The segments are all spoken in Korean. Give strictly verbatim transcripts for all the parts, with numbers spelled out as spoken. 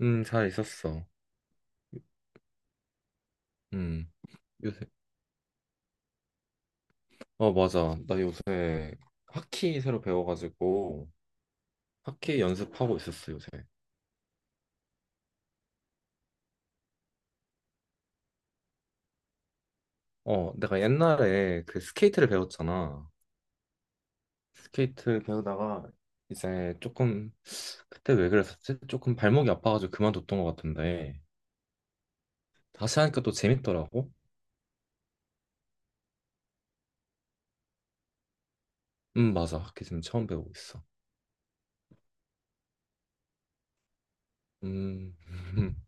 음, 잘 있었어. 음, 요새, 어, 맞아. 나 요새 하키 새로 배워가지고 하키 연습하고 있었어, 요새. 어, 내가 옛날에 그 스케이트를 배웠잖아. 스케이트 배우다가 이제 조금, 그때 왜 그랬었지? 조금 발목이 아파가지고 그만뒀던 것 같은데. 다시 하니까 또 재밌더라고. 음, 맞아. 하키 지금 처음 배우고 있어. 음,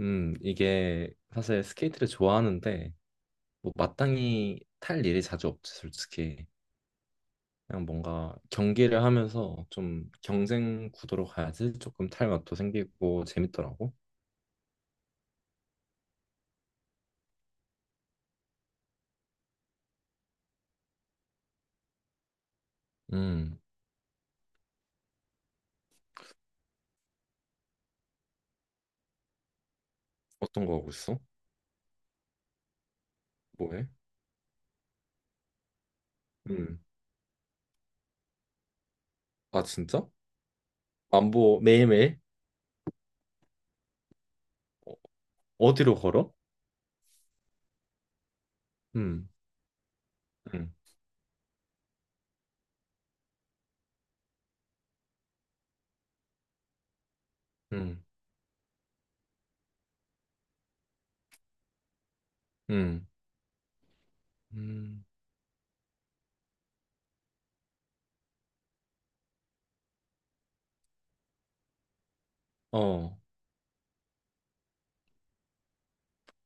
음, 이게 사실 스케이트를 좋아하는데, 뭐 마땅히 탈 일이 자주 없지, 솔직히. 그냥 뭔가 경기를 하면서 좀 경쟁 구도로 가야지 조금 탈맛도 생기고 재밌더라고. 음, 어떤 거 하고 있어? 뭐해? 음, 아 진짜? 안보 매일매일? 어, 어디로 걸어? 음, 음, 음, 음, 음, 어,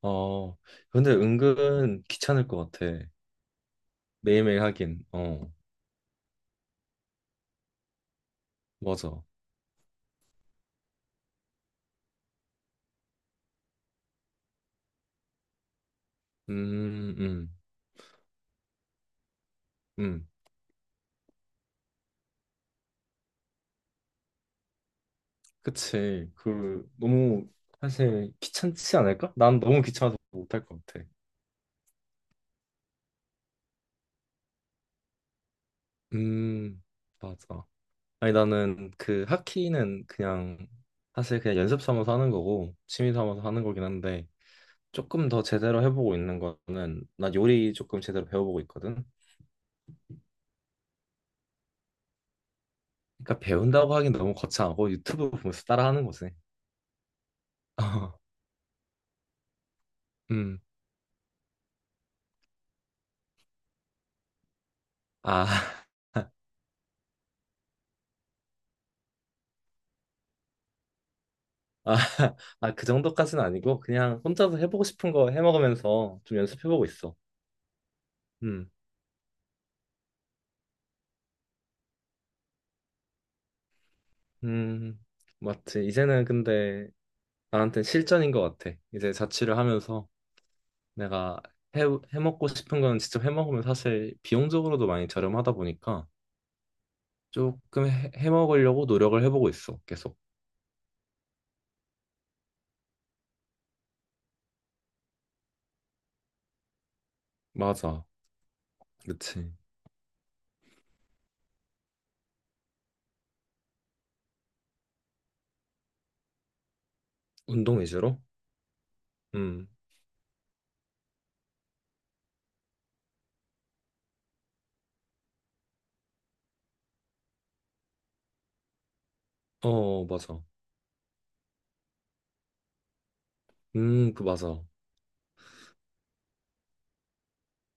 어. 근데 은근 귀찮을 것 같아. 매일매일 하긴. 어, 맞아. 음, 음, 음. 그치. 그 너무 사실 귀찮지 않을까? 난 너무 귀찮아서 못할 것 같아. 음, 맞아. 아니, 나는 그 하키는 그냥 사실 그냥 연습 삼아서 하는 거고 취미 삼아서 하는 거긴 한데 조금 더 제대로 해보고 있는 거는 나 요리 조금 제대로 배워보고 있거든. 그러니까 배운다고 하긴 너무 거창하고 유튜브 보면서 따라하는 거지. 어, 음, 아, 아, 아, 그 정도까지는 아니고 그냥 혼자서 해보고 싶은 거 해먹으면서 좀 연습해보고 있어. 음, 음, 맞지. 이제는 근데 나한테 실전인 것 같아. 이제 자취를 하면서. 내가 해, 해먹고 싶은 건 직접 해먹으면 사실 비용적으로도 많이 저렴하다 보니까 조금 해, 해먹으려고 노력을 해보고 있어, 계속. 맞아. 그치. 운동 위주로? 음. 어, 맞아. 음, 그 맞아.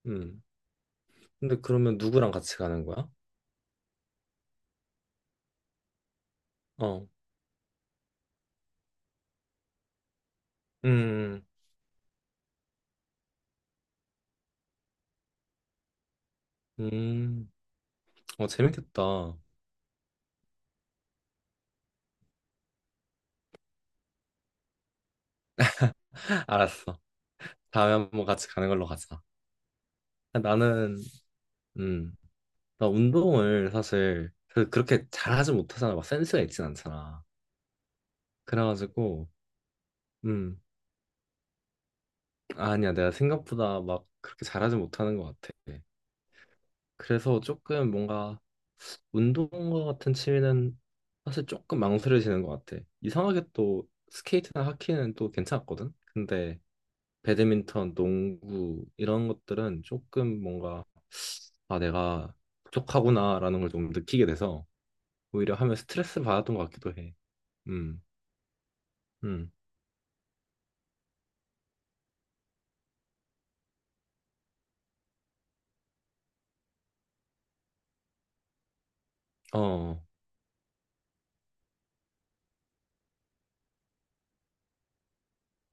음. 근데 그러면 누구랑 같이 가는 거야? 어. 음. 음. 어, 재밌겠다. 알았어. 다음에 한번 같이 가는 걸로 가자. 아, 나는, 음, 나 운동을 사실 그- 그렇게 잘하지 못하잖아. 막 센스가 있진 않잖아. 그래가지고 음 아, 아니야 내가 생각보다 막 그렇게 잘하지 못하는 것 같아. 그래서 조금 뭔가 운동과 같은 취미는 사실 조금 망설여지는 것 같아. 이상하게 또 스케이트나 하키는 또 괜찮았거든. 근데 배드민턴, 농구 이런 것들은 조금 뭔가 아 내가 부족하구나라는 걸 좀 느끼게 돼서 오히려 하면 스트레스 받았던 것 같기도 해. 음, 음, 어,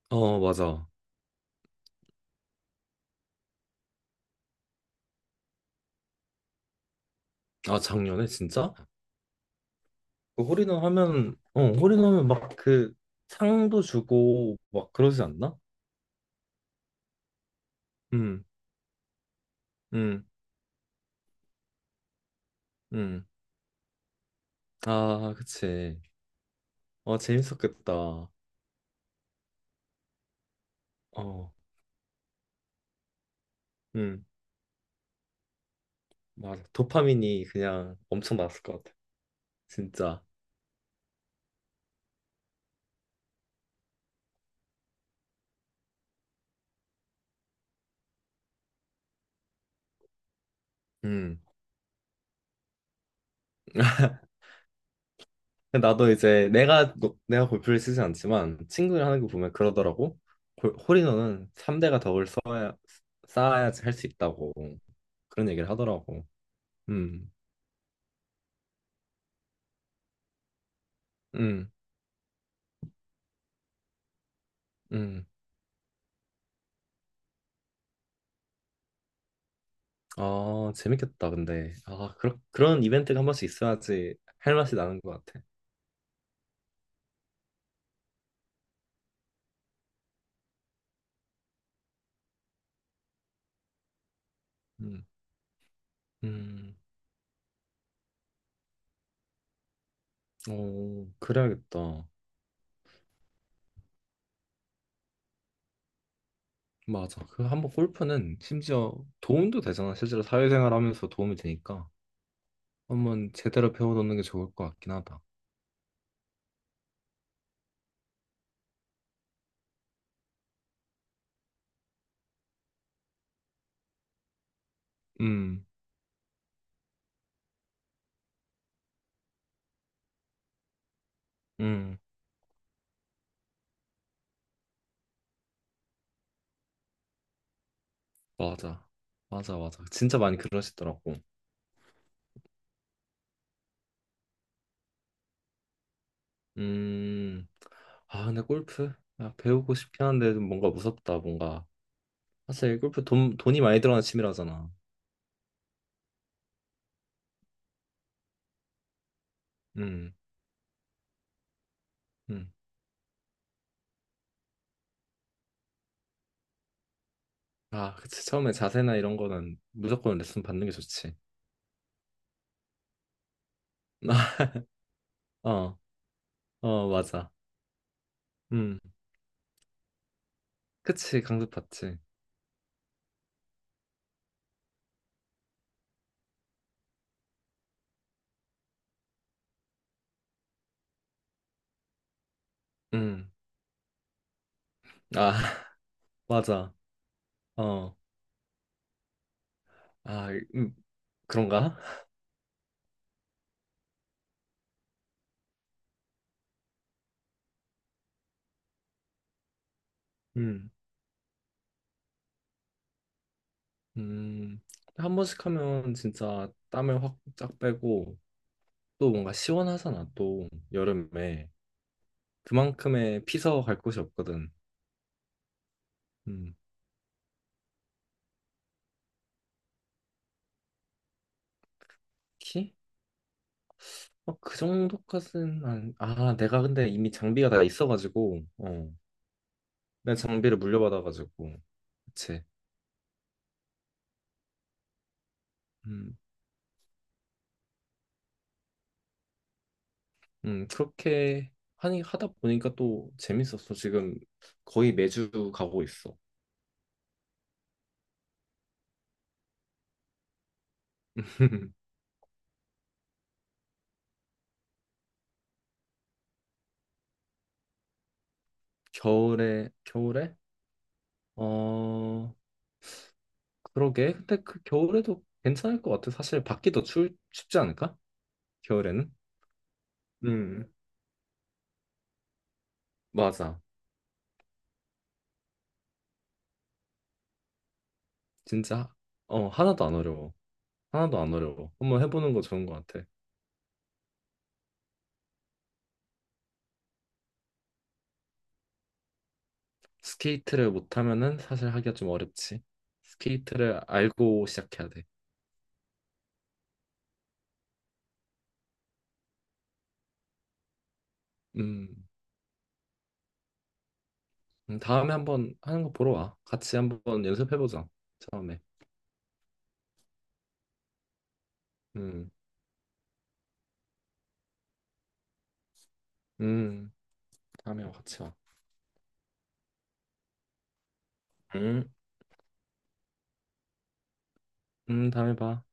어 맞아. 아 작년에 진짜? 그 홀인원 하면, 어, 홀인원막그 상도 주고 막 그러지 않나? 음, 음, 음. 아, 그치. 어, 재밌었겠다. 어, 음, 맞아. 도파민이 그냥 엄청 나왔을 것 같아. 진짜. 음. 근데 나도 이제 내가, 노- 내가 골프를 쓰지 않지만 친구들 하는 거 보면 그러더라고. 골- 홀인원은 삼 대가 덕을 쌓아야, 쌓아야지 할 수 있다고. 그런 얘기를 하더라고. 음, 음, 음. 아, 재밌겠다, 근데. 아, 그런, 그런 이벤트가 한 번씩 있어야지 할 맛이 나는 것 같아. 음, 음, 어, 그래야겠다. 맞아. 그 한 번 골프는 심지어 도움도 되잖아. 실제로 사회생활 하면서 도움이 되니까. 한번 제대로 배워놓는 게 좋을 것 같긴 하다. 음, 음, 맞아. 맞아, 맞아. 진짜 많이 그러시더라고. 음, 아, 근데 골프? 아, 배우고 싶긴 한데 좀 뭔가 무섭다, 뭔가. 사실 골프 돈, 돈이 많이 들어가는 취미라잖아. 음. 음. 아, 그치. 처음에 자세나 이런 거는 무조건 레슨 받는 게 좋지. 어, 어, 맞아. 음, 그치. 강습받지. 음, 아, 맞아. 어, 아, 음, 그런가? 음, 음, 한 번씩 하면 진짜 땀을 확 쫙 빼고 또 뭔가 시원하잖아. 또 여름에 그만큼의 피서 갈 곳이 없거든. 음, 키? 어, 그 정도까지는 안, 아, 내가 근데 이미 장비가 다 있어가지고, 어. 내 장비를 물려받아가지고 그치 음, 음 그렇게 하니 하다 보니까 또 재밌었어 지금 거의 매주 가고 있어 겨울에 겨울에 어 그러게 근데 그 겨울에도 괜찮을 것 같아 사실 밖이 더 추울 춥지 않을까 겨울에는 음 맞아 진짜 어 하나도 안 어려워 하나도 안 어려워 한번 해보는 거 좋은 것 같아 스케이트를 못하면은 사실 하기가 좀 어렵지 스케이트를 알고 시작해야 돼 음. 음, 다음에 한번 하는 거 보러 와. 같이 한번 연습해보자. 처음에. 음, 음, 다음에 와, 같이 와. 음, 음, 다음에 봐.